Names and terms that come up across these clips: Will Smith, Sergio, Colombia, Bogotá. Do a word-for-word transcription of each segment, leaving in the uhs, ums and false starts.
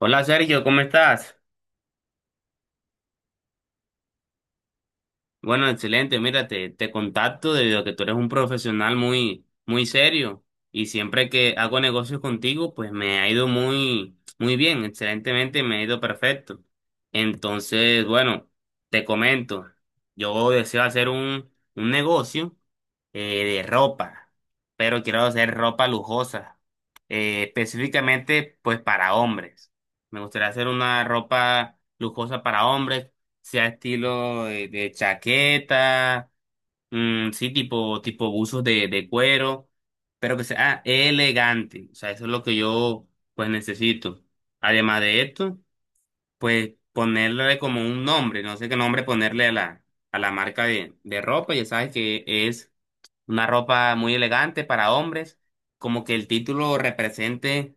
Hola Sergio, ¿cómo estás? Bueno, excelente. Mira, te, te contacto debido a que tú eres un profesional muy, muy serio y siempre que hago negocios contigo, pues me ha ido muy, muy bien, excelentemente, me ha ido perfecto. Entonces, bueno, te comento, yo deseo hacer un, un negocio eh, de ropa, pero quiero hacer ropa lujosa, eh, específicamente pues para hombres. Me gustaría hacer una ropa lujosa para hombres sea estilo de, de chaqueta, mm, sí, tipo, tipo buzos de, de cuero, pero que sea ah, elegante. O sea, eso es lo que yo pues necesito. Además de esto, pues ponerle como un nombre, no sé qué nombre ponerle a la, a la marca de, de ropa. Ya sabes que es una ropa muy elegante para hombres, como que el título represente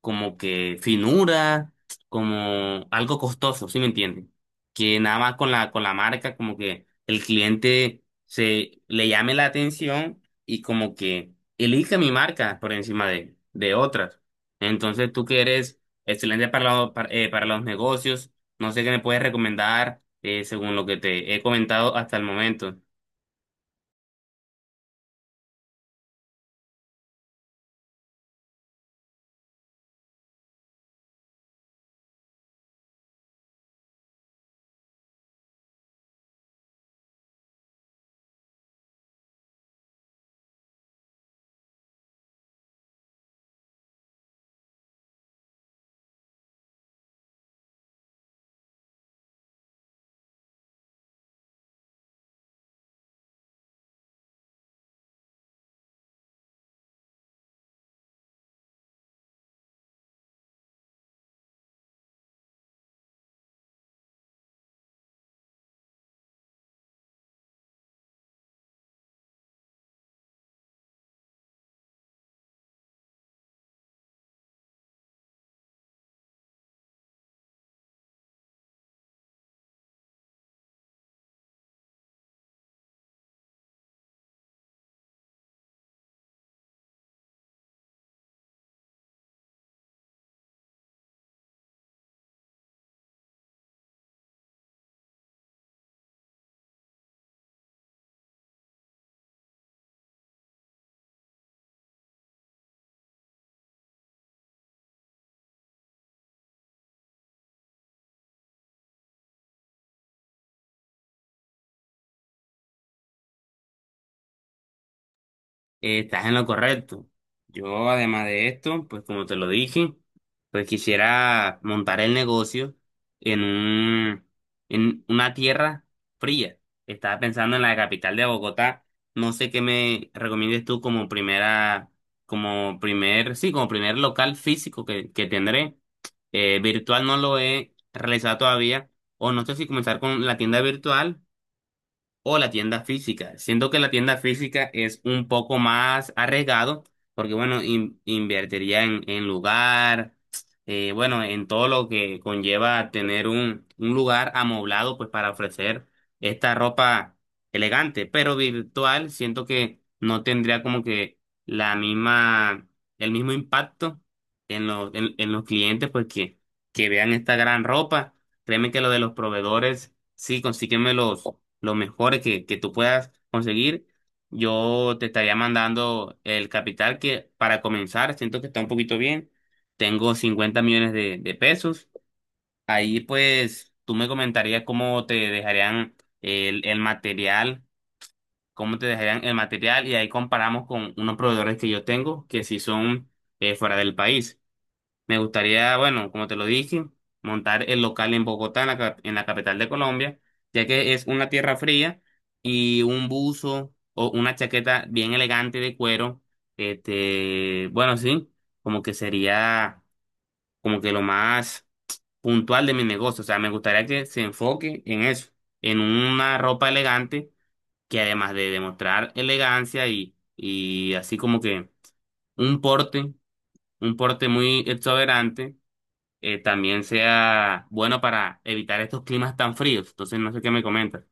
como que finura, como algo costoso, ¿sí me entienden? Que nada más con la, con la marca, como que el cliente se le llame la atención y como que elija mi marca por encima de, de otras. Entonces, tú que eres excelente para, lo- para, eh, para los negocios, no sé qué me puedes recomendar eh, según lo que te he comentado hasta el momento. Eh, Estás en lo correcto. Yo, además de esto, pues como te lo dije, pues quisiera montar el negocio en un, en una tierra fría. Estaba pensando en la capital de Bogotá. No sé qué me recomiendes tú como primera, como primer, sí, como primer local físico que, que tendré. Eh, virtual no lo he realizado todavía. O no sé si comenzar con la tienda virtual o la tienda física. Siento que la tienda física es un poco más arriesgado porque, bueno, in- invertiría en, en lugar, eh, bueno, en todo lo que conlleva tener un, un lugar amoblado, pues para ofrecer esta ropa elegante, pero virtual, siento que no tendría como que la misma, el mismo impacto en los, en, en los clientes, pues que, que vean esta gran ropa. Créeme que lo de los proveedores, sí, consígueme los mejores que, que tú puedas conseguir. Yo te estaría mandando el capital que para comenzar, siento que está un poquito bien. Tengo cincuenta millones de, de pesos. Ahí pues tú me comentarías cómo te dejarían el, el material, cómo te dejarían el material y ahí comparamos con unos proveedores que yo tengo que si son eh, fuera del país. Me gustaría, bueno, como te lo dije, montar el local en Bogotá, en la, cap- en la capital de Colombia, ya que es una tierra fría y un buzo o una chaqueta bien elegante de cuero, este, bueno, sí, como que sería como que lo más puntual de mi negocio. O sea, me gustaría que se enfoque en eso, en una ropa elegante que además de demostrar elegancia y, y así como que un porte, un porte muy exuberante eh, también sea bueno para evitar estos climas tan fríos. Entonces, no sé qué me comentas.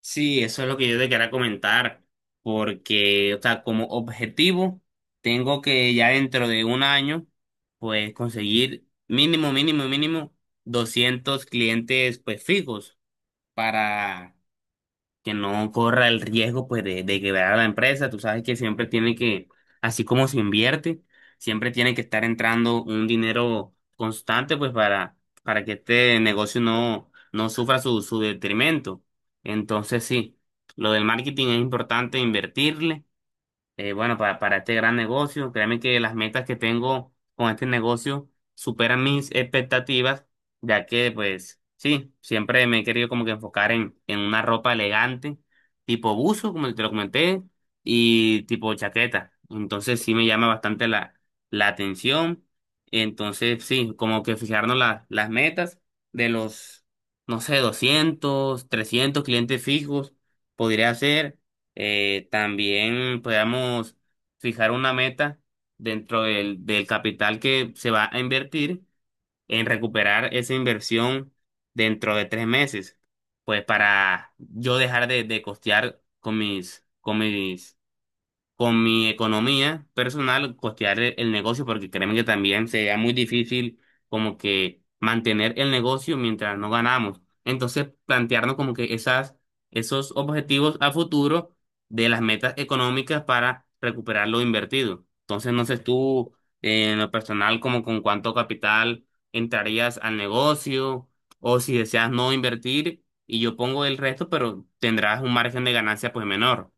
Sí, eso es lo que yo te quería comentar, porque, o sea, como objetivo, tengo que ya dentro de un año, pues conseguir mínimo, mínimo, mínimo doscientos clientes, pues fijos para que no corra el riesgo pues de, de quebrar a la empresa. Tú sabes que siempre tiene que, así como se invierte, siempre tiene que estar entrando un dinero constante pues para, para que este negocio no, no sufra su, su detrimento. Entonces sí, lo del marketing es importante invertirle eh, bueno, para, para este gran negocio. Créeme que las metas que tengo con este negocio superan mis expectativas, ya que, pues, sí, siempre me he querido como que enfocar en, en una ropa elegante, tipo buzo, como te lo comenté, y tipo chaqueta. Entonces sí me llama bastante la, la atención. Entonces, sí, como que fijarnos la- las metas de los, no sé, doscientos trescientos clientes fijos, podría ser. Eh, también podamos fijar una meta dentro del, del capital que se va a invertir en recuperar esa inversión dentro de tres meses, pues para yo dejar de, de costear con mis, con mis con mi economía personal costear el, el negocio porque créeme que también sería muy difícil como que mantener el negocio mientras no ganamos. Entonces, plantearnos como que esas, esos objetivos a futuro de las metas económicas para recuperar lo invertido. Entonces, no sé tú eh, en lo personal como con cuánto capital entrarías al negocio o si deseas no invertir y yo pongo el resto, pero tendrás un margen de ganancia pues menor.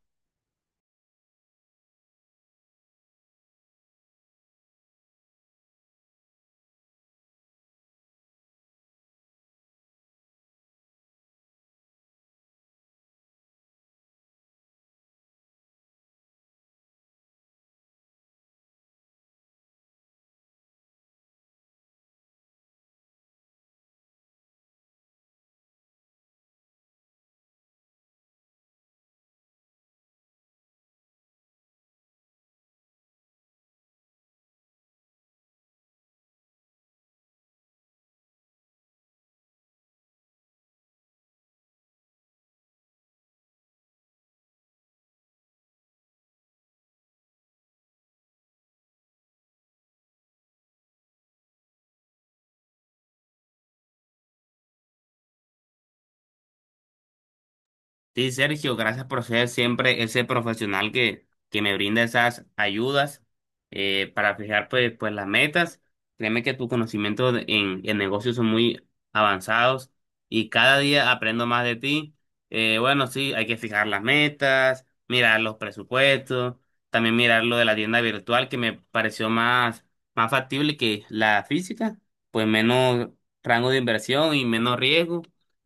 Sí, Sergio, gracias por ser siempre ese profesional que, que me brinda esas ayudas eh, para fijar pues, pues las metas. Créeme que tus conocimientos de- en, en negocios son muy avanzados y cada día aprendo más de ti. Eh, bueno, sí, hay que fijar las metas, mirar los presupuestos, también mirar lo de la tienda virtual que me pareció más, más factible que la física, pues menos rango de inversión y menos riesgo.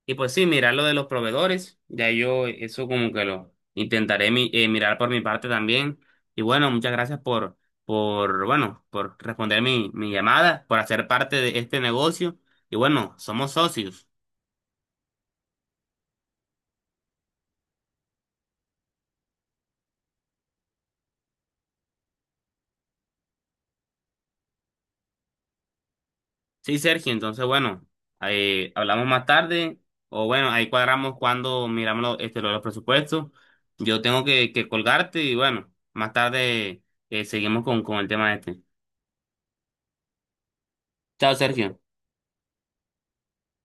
Y pues sí, mirar lo de los proveedores, ya yo eso como que lo intentaré mi- eh, mirar por mi parte también. Y bueno, muchas gracias por, por, bueno, por responder mi, mi llamada, por hacer parte de este negocio. Y bueno, somos socios. Sí, Sergio, entonces bueno, ahí hablamos más tarde o bueno, ahí cuadramos cuando miramos lo- este, lo de los presupuestos. Yo tengo que, que colgarte y bueno, más tarde eh, seguimos con, con el tema este. Chao, Sergio.